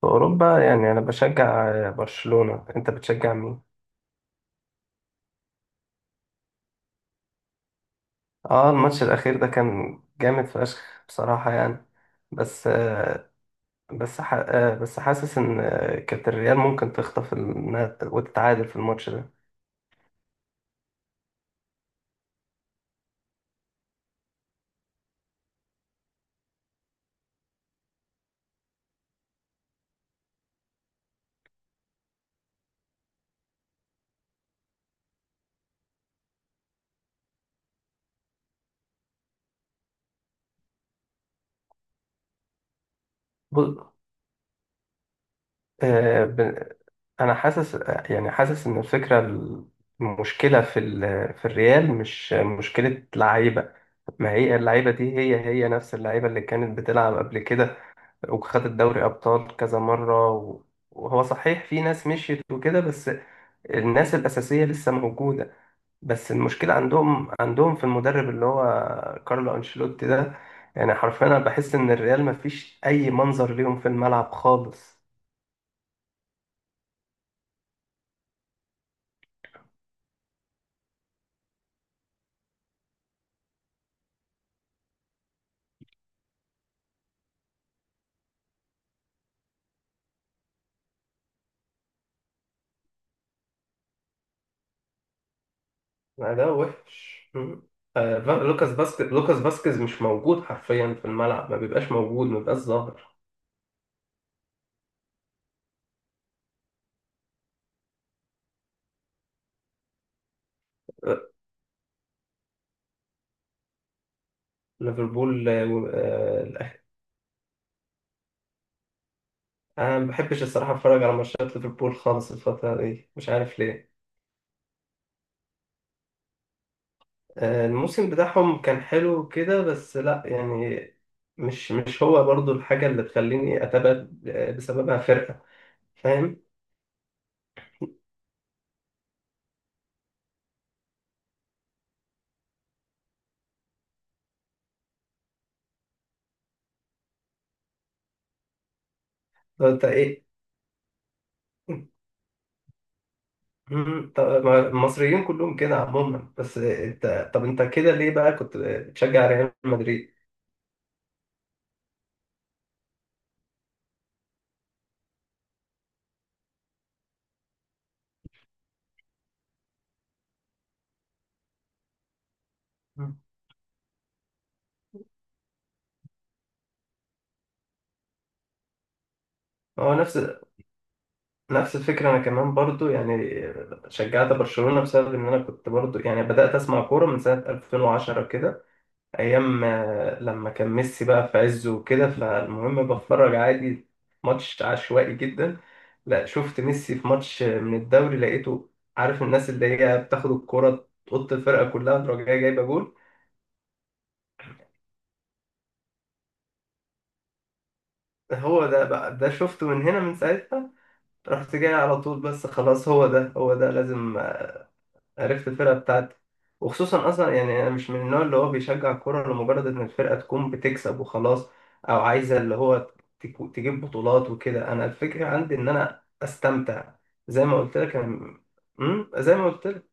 في أوروبا يعني أنا بشجع برشلونة. أنت بتشجع مين؟ آه، الماتش الأخير ده كان جامد فشخ بصراحة يعني. بس آه، بس ح- آه، بس حاسس إن كانت الريال ممكن تخطف وتتعادل في الماتش ده. بص، آه، ب- أنا حاسس، يعني حاسس إن المشكلة في في الريال مش مشكلة لعيبة، ما هي اللعيبة دي هي نفس اللعيبة اللي كانت بتلعب قبل كده، وخد الدوري أبطال كذا مرة، وهو صحيح في ناس مشيت وكده، بس الناس الأساسية لسه موجودة. بس المشكلة عندهم في المدرب اللي هو كارلو أنشيلوتي ده. يعني حرفيا أنا بحس إن الريال مفيش أي منظر ليهم في الملعب خالص. ده وحش. مم. لوكاس باسكيز مش موجود حرفيا في الملعب، ما بيبقاش موجود، ما بيبقاش ظاهر. آه، ليفربول، آه، انا ما بحبش الصراحه اتفرج على ماتشات ليفربول خالص الفتره دي، مش عارف ليه. الموسم بتاعهم كان حلو كده، بس لا يعني، مش هو برضو الحاجه اللي تخليني اتابع بسببها فرقه، فاهم؟ طب انت ايه؟ طب ما المصريين كلهم كده عموما، بس انت طب انت كده ليه بقى كنت بتشجع ريال مدريد؟ مم. هو نفس الفكرة، أنا كمان برضو يعني شجعت برشلونة بسبب إن أنا كنت برضو، يعني بدأت أسمع كورة من سنة 2010 كده، ايام لما كان ميسي بقى في عزه وكده. فالمهم بتفرج عادي، ماتش عشوائي جدا، لا شفت ميسي في ماتش من الدوري، لقيته، عارف الناس اللي هي بتاخد الكرة تقط الفرقة كلها تروح جاية جايبة جول، هو ده بقى، ده شفته من هنا، من ساعتها رحت جاي على طول. بس خلاص، هو ده هو ده لازم، عرفت الفرقة بتاعتي. وخصوصا أصلا يعني أنا مش من النوع اللي هو بيشجع كورة لمجرد إن الفرقة تكون بتكسب وخلاص، أو عايزة اللي هو تجيب بطولات وكده. أنا الفكرة عندي إن أنا أستمتع، زي ما قلت لك أنا. زي ما قلت لك،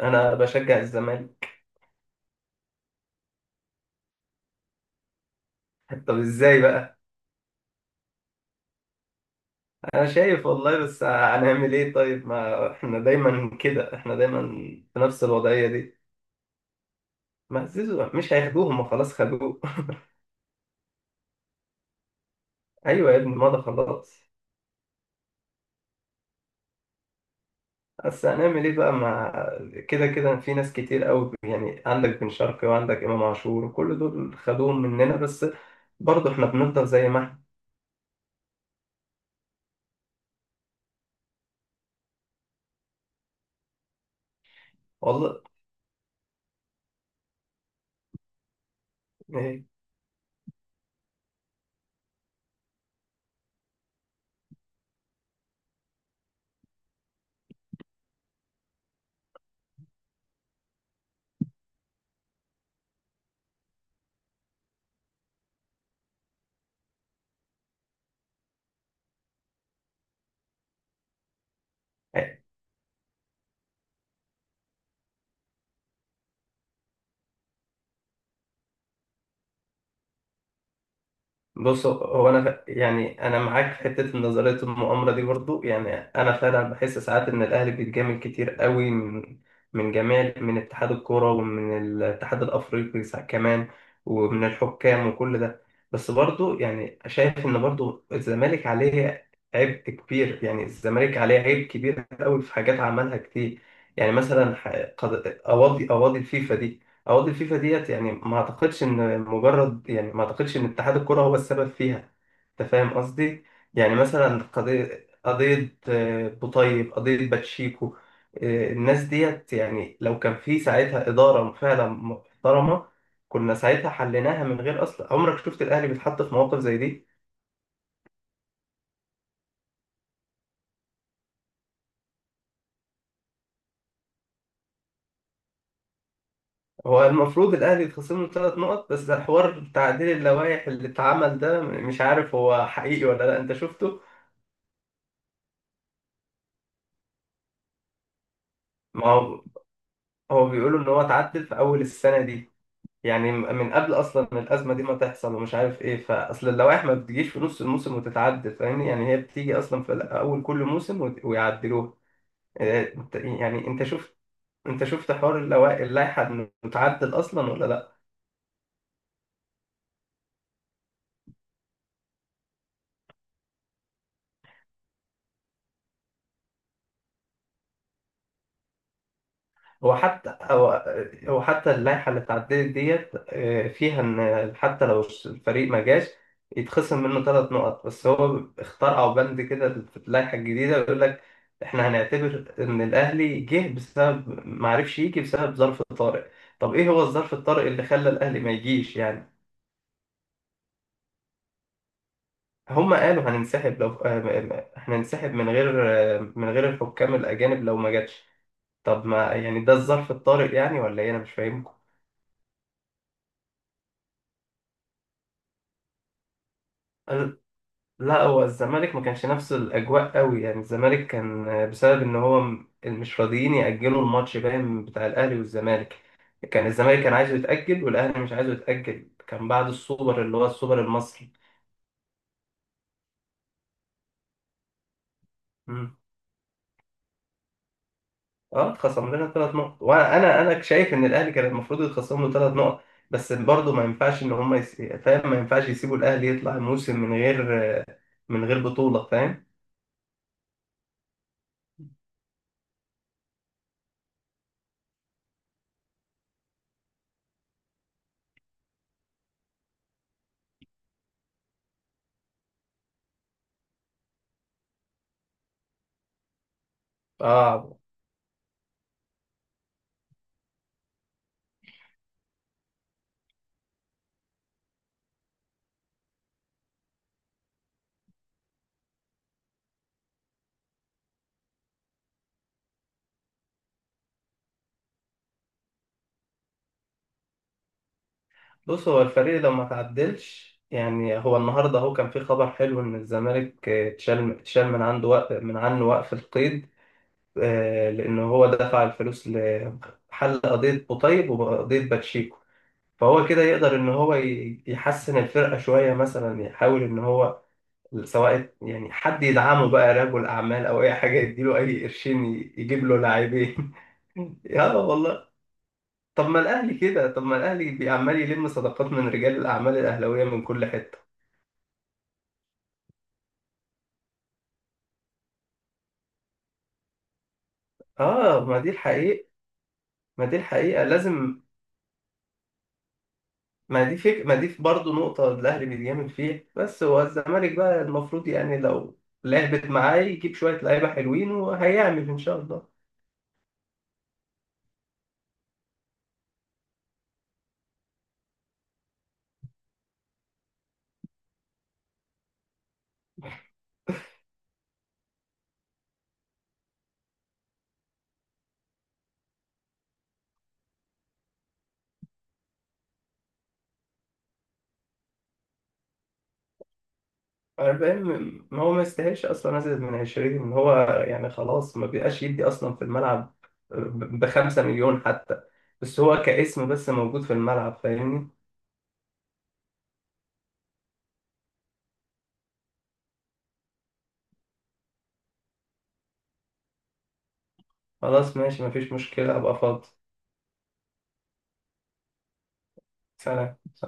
أنا بشجع الزمالك. طب إزاي بقى؟ أنا شايف والله، بس هنعمل إيه؟ طيب ما إحنا دايما كده، إحنا دايما في نفس الوضعية دي. ما زيزو مش هياخدوهم، ما خلاص خدوه. أيوه يا ابني، ما ده خلاص. بس هنعمل ايه بقى مع كده؟ كده في ناس كتير قوي، يعني عندك بن شرقي وعندك امام عاشور وكل دول خدوهم مننا، بس برضه احنا بنفضل زي ما احنا، والله. إيه. بص هو انا ف- يعني انا معاك في حته نظريه المؤامره دي برضو، يعني انا فعلا بحس ساعات ان الاهلي بيتجامل كتير قوي من جميع، من اتحاد الكوره ومن الاتحاد الافريقي كمان، ومن الحكام وكل ده. بس برضو يعني شايف ان برضو الزمالك عليه عبء كبير، يعني الزمالك عليه عيب كبير قوي في حاجات عملها كتير. يعني مثلا قواضي الفيفا دي، عقد الفيفا ديت، يعني ما اعتقدش ان مجرد، يعني ما اعتقدش ان اتحاد الكرة هو السبب فيها. انت فاهم قصدي؟ يعني مثلا قضية بوطيب، قضية باتشيكو، الناس ديت يعني لو كان في ساعتها إدارة فعلا محترمة، كنا ساعتها حليناها من غير أصلا. عمرك شفت الأهلي بيتحط في مواقف زي دي؟ هو المفروض الأهلي يتخصم له 3 نقط، بس حوار تعديل اللوائح اللي اتعمل ده مش عارف هو حقيقي ولا لا، أنت شفته؟ ما هو، هو بيقولوا ان هو اتعدل في اول السنه دي، يعني من قبل اصلا ما الازمه دي ما تحصل، ومش عارف ايه. فاصل اللوائح ما بتجيش في نص الموسم وتتعدل، فاهمني؟ يعني هي بتيجي اصلا في اول كل موسم ويعدلوها. إيه، يعني انت شفت حوار اللوائح، اللائحه انه اتعدل اصلا ولا لا؟ هو حتى هو هو حتى اللائحة اللي اتعدلت ديت، فيها إن حتى لو الفريق ما جاش، يتخصم منه 3 نقط. بس هو اخترعوا بند كده في اللائحة الجديدة، بيقول لك إحنا هنعتبر إن الأهلي جه بسبب، ما عرفش يجي، بسبب ظرف طارئ. طب إيه هو الظرف الطارئ اللي خلى الأهلي ما يجيش يعني؟ هما قالوا هننسحب، لو هننسحب من غير من غير الحكام الأجانب، لو ما جاتش. طب ما يعني ده الظرف الطارئ، يعني ولا إيه؟ أنا مش فاهمكم. لا، هو الزمالك ما كانش نفس الاجواء قوي، يعني الزمالك كان بسبب ان هو مش راضيين ياجلوا الماتش، باين بتاع الاهلي والزمالك. الزمالك كان عايزه يتاجل والاهلي مش عايزه يتاجل، كان بعد السوبر اللي هو السوبر المصري. مم. اه، اتخصم لنا 3 نقط، وانا انا شايف ان الاهلي كان المفروض يتخصم له 3 نقط. بس برضه ما ينفعش ان هم فاهم، ما ينفعش يسيبوا الاهلي يطلع موسم من غير، من غير بطوله. فاهم؟ اه. بص، هو الفريق لو ما تعدلش، يعني هو النهارده اهو كان في خبر حلو ان الزمالك اتشال من عنده وقف من عنه وقف القيد، لانه هو دفع الفلوس لحل قضيه قطيب وقضيه باتشيكو. فهو كده يقدر ان هو يحسن الفرقه شويه، مثلا يحاول ان هو، سواء يعني حد يدعمه بقى، رجل اعمال او اي حاجه، يديله اي قرشين يجيب له لاعبين. اه والله. طب ما الاهلي بيعمال يلم صداقات من رجال الاعمال الاهلاويه من كل حته. اه ما دي الحقيقه، ما دي الحقيقه لازم. ما دي برضه نقطه الاهلي بيتجامل فيها، بس هو الزمالك بقى المفروض، يعني لو لعبت معاه يجيب شويه لعيبه حلوين وهيعمل ان شاء الله. أنا فاهم، ما هو ما يستاهلش اصلا ازيد من 20، ان هو يعني خلاص ما بيبقاش يدي اصلا في الملعب ب 5 مليون حتى، بس هو كاسم بس موجود في الملعب، فاهمني؟ خلاص ماشي، مفيش مشكلة، أبقى فاضي. سلام.